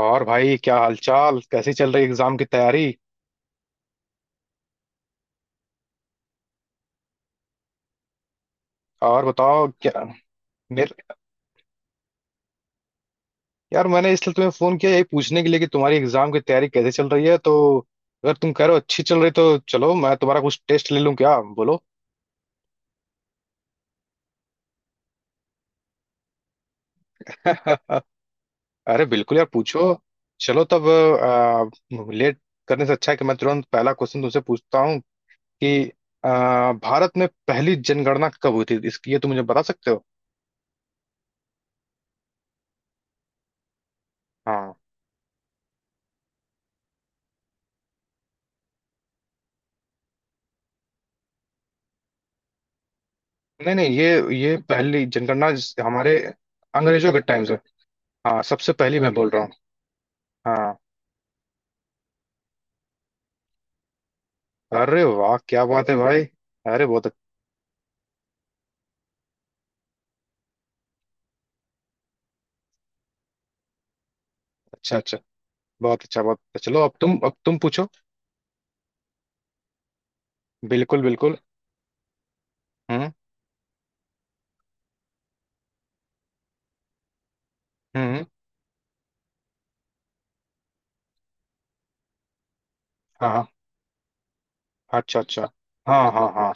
और भाई क्या हालचाल, कैसी चल रही एग्जाम की तैयारी। और बताओ क्या। मेरे। यार मैंने इसलिए तुम्हें फोन किया, यही पूछने के लिए कि तुम्हारी एग्जाम की तैयारी कैसे चल रही है, तो अगर तुम कह रहे हो अच्छी चल रही तो चलो मैं तुम्हारा कुछ टेस्ट ले लूं, क्या बोलो। अरे बिल्कुल यार पूछो। चलो तब, लेट करने से अच्छा है कि मैं तुरंत पहला क्वेश्चन तुमसे पूछता हूँ कि भारत में पहली जनगणना कब हुई थी, इसकी ये तुम मुझे बता सकते हो। हाँ। नहीं नहीं। ये पहली जनगणना जिस- हमारे अंग्रेजों के टाइम से। हाँ सबसे पहली मैं बोल रहा हूँ। हाँ। अरे वाह क्या बात है भाई। अरे बहुत। अच्छा अच्छा, बहुत अच्छा बहुत अच्छा। चलो अब तुम पूछो। बिल्कुल बिल्कुल। हम्म। हम्म। हाँ हाँ। अच्छा अच्छा। हाँ हाँ हाँ।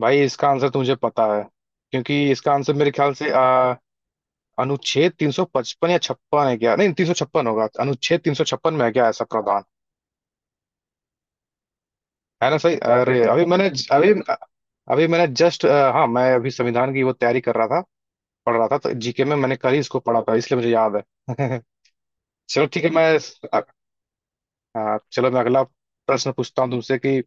भाई इसका आंसर तो मुझे पता है, क्योंकि इसका आंसर मेरे ख्याल से अनुच्छेद 355 या छप्पन है, क्या नहीं, 356 होगा। अनुच्छेद 356 में है क्या ऐसा प्रावधान। है ना सही। अरे अभी अभी मैंने जस्ट, हाँ मैं अभी संविधान की वो तैयारी कर रहा था, पढ़ रहा था तो जीके में मैंने कल ही इसको पढ़ा था, इसलिए मुझे याद है। चलो ठीक है। अ- हाँ, चलो मैं अगला प्रश्न पूछता हूँ तुमसे कि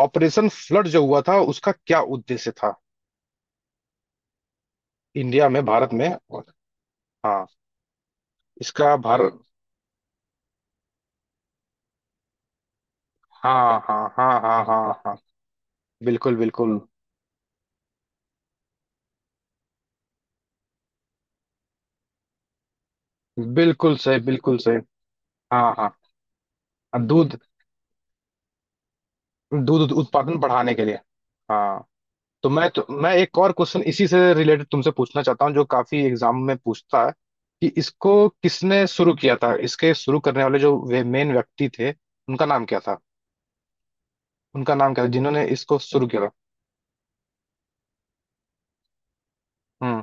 ऑपरेशन फ्लड जो हुआ था उसका क्या उद्देश्य था, इंडिया में, भारत में। हाँ इसका भारत। हाँ हाँ हाँ हाँ हाँ हाँ। बिल्कुल बिल्कुल। बिल्कुल सही बिल्कुल सही। हाँ हाँ। दूध। दूध उत्पादन बढ़ाने के लिए। हाँ। तो मैं एक और क्वेश्चन इसी से रिलेटेड तुमसे पूछना चाहता हूँ जो काफी एग्जाम में पूछता है, कि इसको किसने शुरू किया था, इसके शुरू करने वाले जो वे मेन व्यक्ति थे उनका नाम क्या था। उनका नाम क्या था जिन्होंने इसको शुरू किया था। हम्म।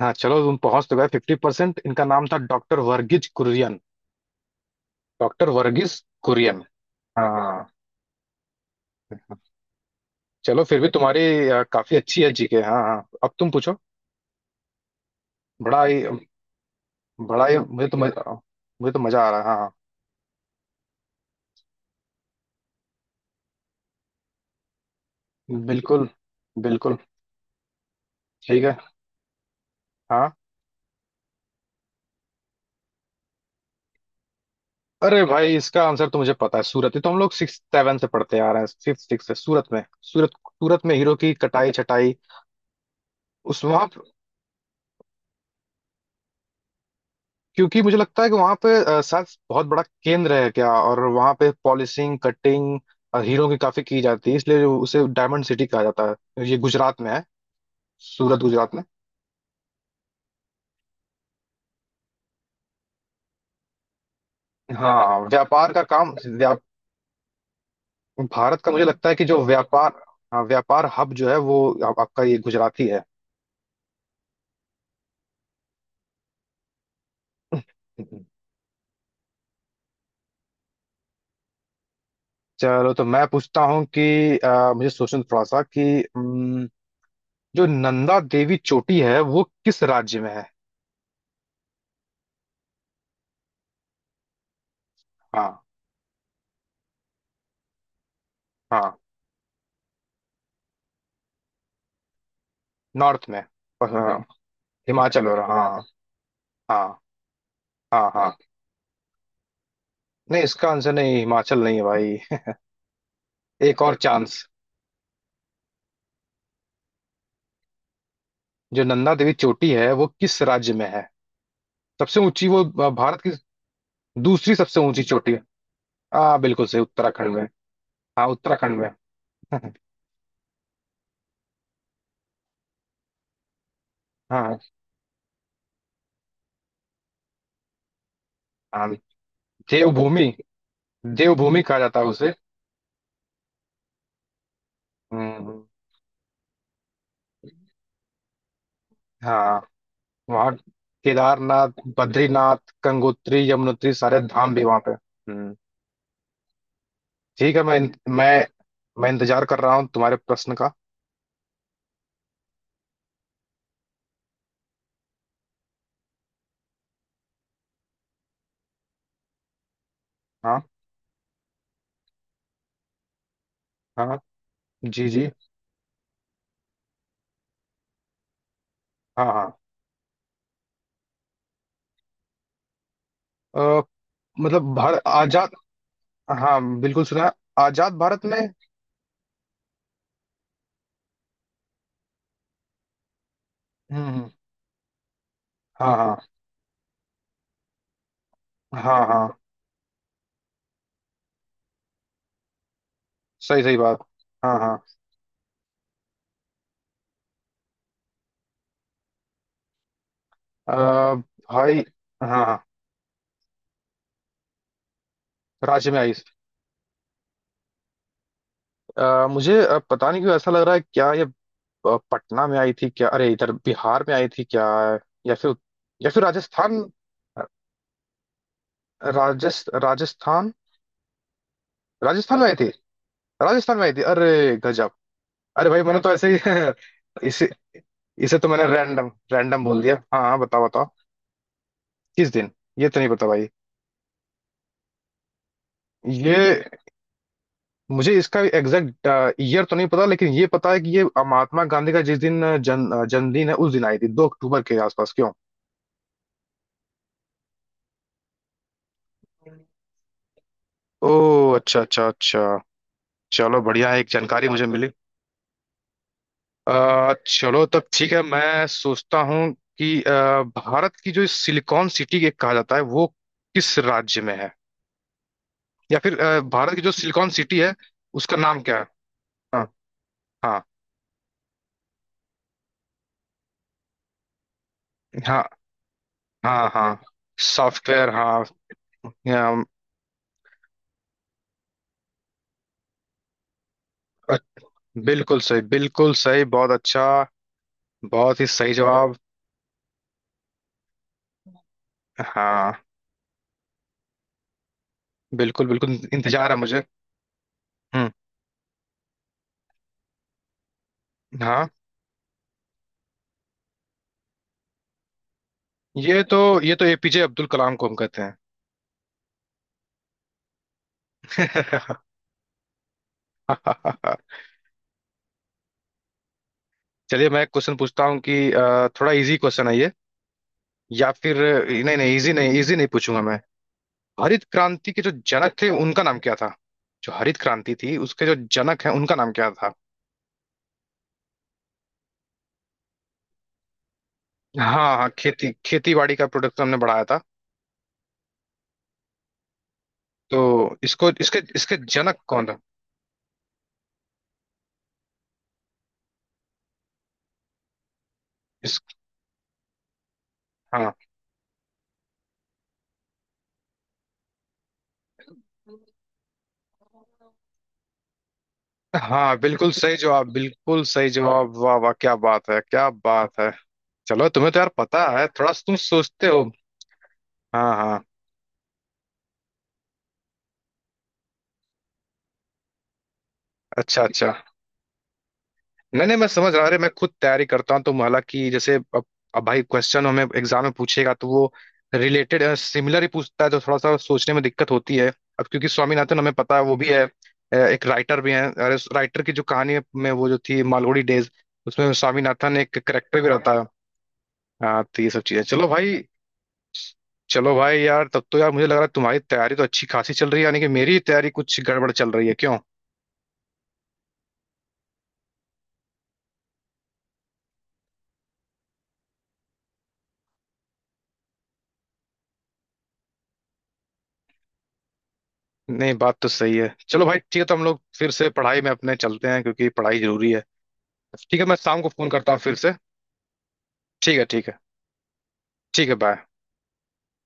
हाँ चलो तुम पहुंच तो गए 50%। इनका नाम था डॉक्टर वर्गीज कुरियन। डॉक्टर वर्गीज कुरियन। हाँ। चलो फिर भी तुम्हारी काफी अच्छी है जीके। हाँ हाँ अब तुम पूछो। बड़ा ही बड़ा ही, मुझे तो मजा आ रहा है हाँ। हाँ बिल्कुल बिल्कुल ठीक है हाँ। अरे भाई इसका आंसर तो मुझे पता है, सूरत। ये तो हम लोग सिक्स सेवन से पढ़ते आ रहे हैं, फिफ्थ सिक्स से, सूरत में। सूरत। सूरत में हीरो की कटाई छटाई। उस वहां, क्योंकि मुझे लगता है कि वहां पे शायद बहुत बड़ा केंद्र है क्या, और वहां पे पॉलिशिंग कटिंग हीरो की काफी की जाती है, इसलिए उसे डायमंड सिटी कहा जाता है। ये गुजरात में है। सूरत गुजरात में। हाँ व्यापार का काम, भारत का मुझे लगता है कि जो व्यापार। हाँ व्यापार हब जो है वो। आपका ये गुजराती है। चलो तो मैं पूछता हूँ कि मुझे सोचने दो थोड़ा सा कि हम्म, जो नंदा देवी चोटी है वो किस राज्य में है। हाँ हाँ नॉर्थ में। हाँ, हिमाचल हो रहा हाँ। हाँ हाँ हाँ। नहीं इसका आंसर नहीं, हिमाचल नहीं है भाई। एक और चांस। जो नंदा देवी चोटी है वो किस राज्य में है, सबसे ऊंची, वो भारत की दूसरी सबसे ऊंची चोटी है। हाँ बिल्कुल सही, उत्तराखंड में। हाँ उत्तराखंड में। हाँ हाँ। देवभूमि। देवभूमि कहा जाता है उसे। हम्म। हाँ वहाँ केदारनाथ, बद्रीनाथ, गंगोत्री, यमुनोत्री, सारे धाम भी वहाँ पे। हम्म। ठीक है मैं मैं इंतजार कर रहा हूँ तुम्हारे प्रश्न का। हाँ हाँ हाँ। जी जी। हाँ हाँ अ, मतलब भारत आजाद। हाँ बिल्कुल सुना है। आजाद भारत में। हम्म। हाँ हाँ हाँ हाँ। सही सही बात। हाँ हाँ। अ, भाई। हाँ हाँ राज्य में आई। मुझे पता नहीं क्यों ऐसा लग रहा है क्या ये, पटना में आई थी क्या, अरे इधर बिहार में आई थी क्या, या फिर या फिर राजस्थान। राजस्थान। राजस्थान में आई थी। राजस्थान में आई थी अरे गजब। अरे भाई मैंने तो ऐसे ही इसे। इसे तो मैंने रैंडम रैंडम बोल दिया। हाँ हाँ बताओ बताओ। किस दिन, ये तो नहीं पता भाई। ये, मुझे इसका एग्जैक्ट ईयर तो नहीं पता, लेकिन ये पता है कि ये महात्मा गांधी का जिस दिन जन्मदिन है उस दिन आई थी, 2 अक्टूबर के आसपास, क्यों। ओ अच्छा अच्छा अच्छा। चलो बढ़िया है, एक जानकारी मुझे मिली। चलो तब ठीक है, मैं सोचता हूँ कि भारत की जो सिलिकॉन सिटी के कहा जाता है वो किस राज्य में है, या फिर भारत की जो सिलिकॉन सिटी है उसका नाम क्या है। हाँ हाँ हाँ हाँ हाँ। सॉफ्टवेयर हाँ। हाँ, अ- बिल्कुल सही बहुत अच्छा। बहुत ही सही जवाब। हाँ बिल्कुल बिल्कुल इंतजार है मुझे। हम्म। हाँ ये तो एपीजे अब्दुल कलाम को हम कहते हैं। चलिए मैं एक क्वेश्चन पूछता हूँ कि थोड़ा इजी क्वेश्चन है ये, या फिर नहीं नहीं, इजी नहीं, इजी नहीं पूछूंगा मैं। हरित क्रांति के जो जनक थे उनका नाम क्या था। जो हरित क्रांति थी उसके जो जनक हैं उनका नाम क्या था। हाँ हाँ खेती खेती बाड़ी का प्रोडक्शन हमने बढ़ाया था। तो इसको इसके इसके जनक कौन था। इस। हाँ हाँ बिल्कुल सही जवाब बिल्कुल सही जवाब, वाह वाह क्या बात है क्या बात है। चलो तुम्हें तो यार पता है, थोड़ा तुम सोचते हो। हाँ हाँ। अच्छा अच्छा। नहीं नहीं मैं समझ रहा हूँ, अरे मैं खुद तैयारी करता हूँ तो, हालांकि जैसे अब, भाई क्वेश्चन हमें एग्जाम में पूछेगा तो वो रिलेटेड सिमिलर ही पूछता है, तो थोड़ा सा सोचने में दिक्कत होती है। अब क्योंकि स्वामीनाथन हमें पता है वो भी है। एक राइटर भी है, अरे राइटर की जो कहानी है, में वो जो थी मालगुडी डेज, उसमें स्वामीनाथन एक करेक्टर भी रहता है। हाँ तो ये सब चीजें, चलो भाई। चलो भाई यार, तब तो यार मुझे लग रहा है तुम्हारी तैयारी तो अच्छी खासी चल रही है, यानी कि मेरी तैयारी कुछ गड़बड़ चल रही है क्यों। नहीं बात तो सही है, चलो भाई ठीक है, तो हम लोग फिर से पढ़ाई में अपने चलते हैं, क्योंकि पढ़ाई जरूरी है। ठीक है मैं शाम को फोन करता हूँ फिर से। ठीक है ठीक है। ठीक है बाय।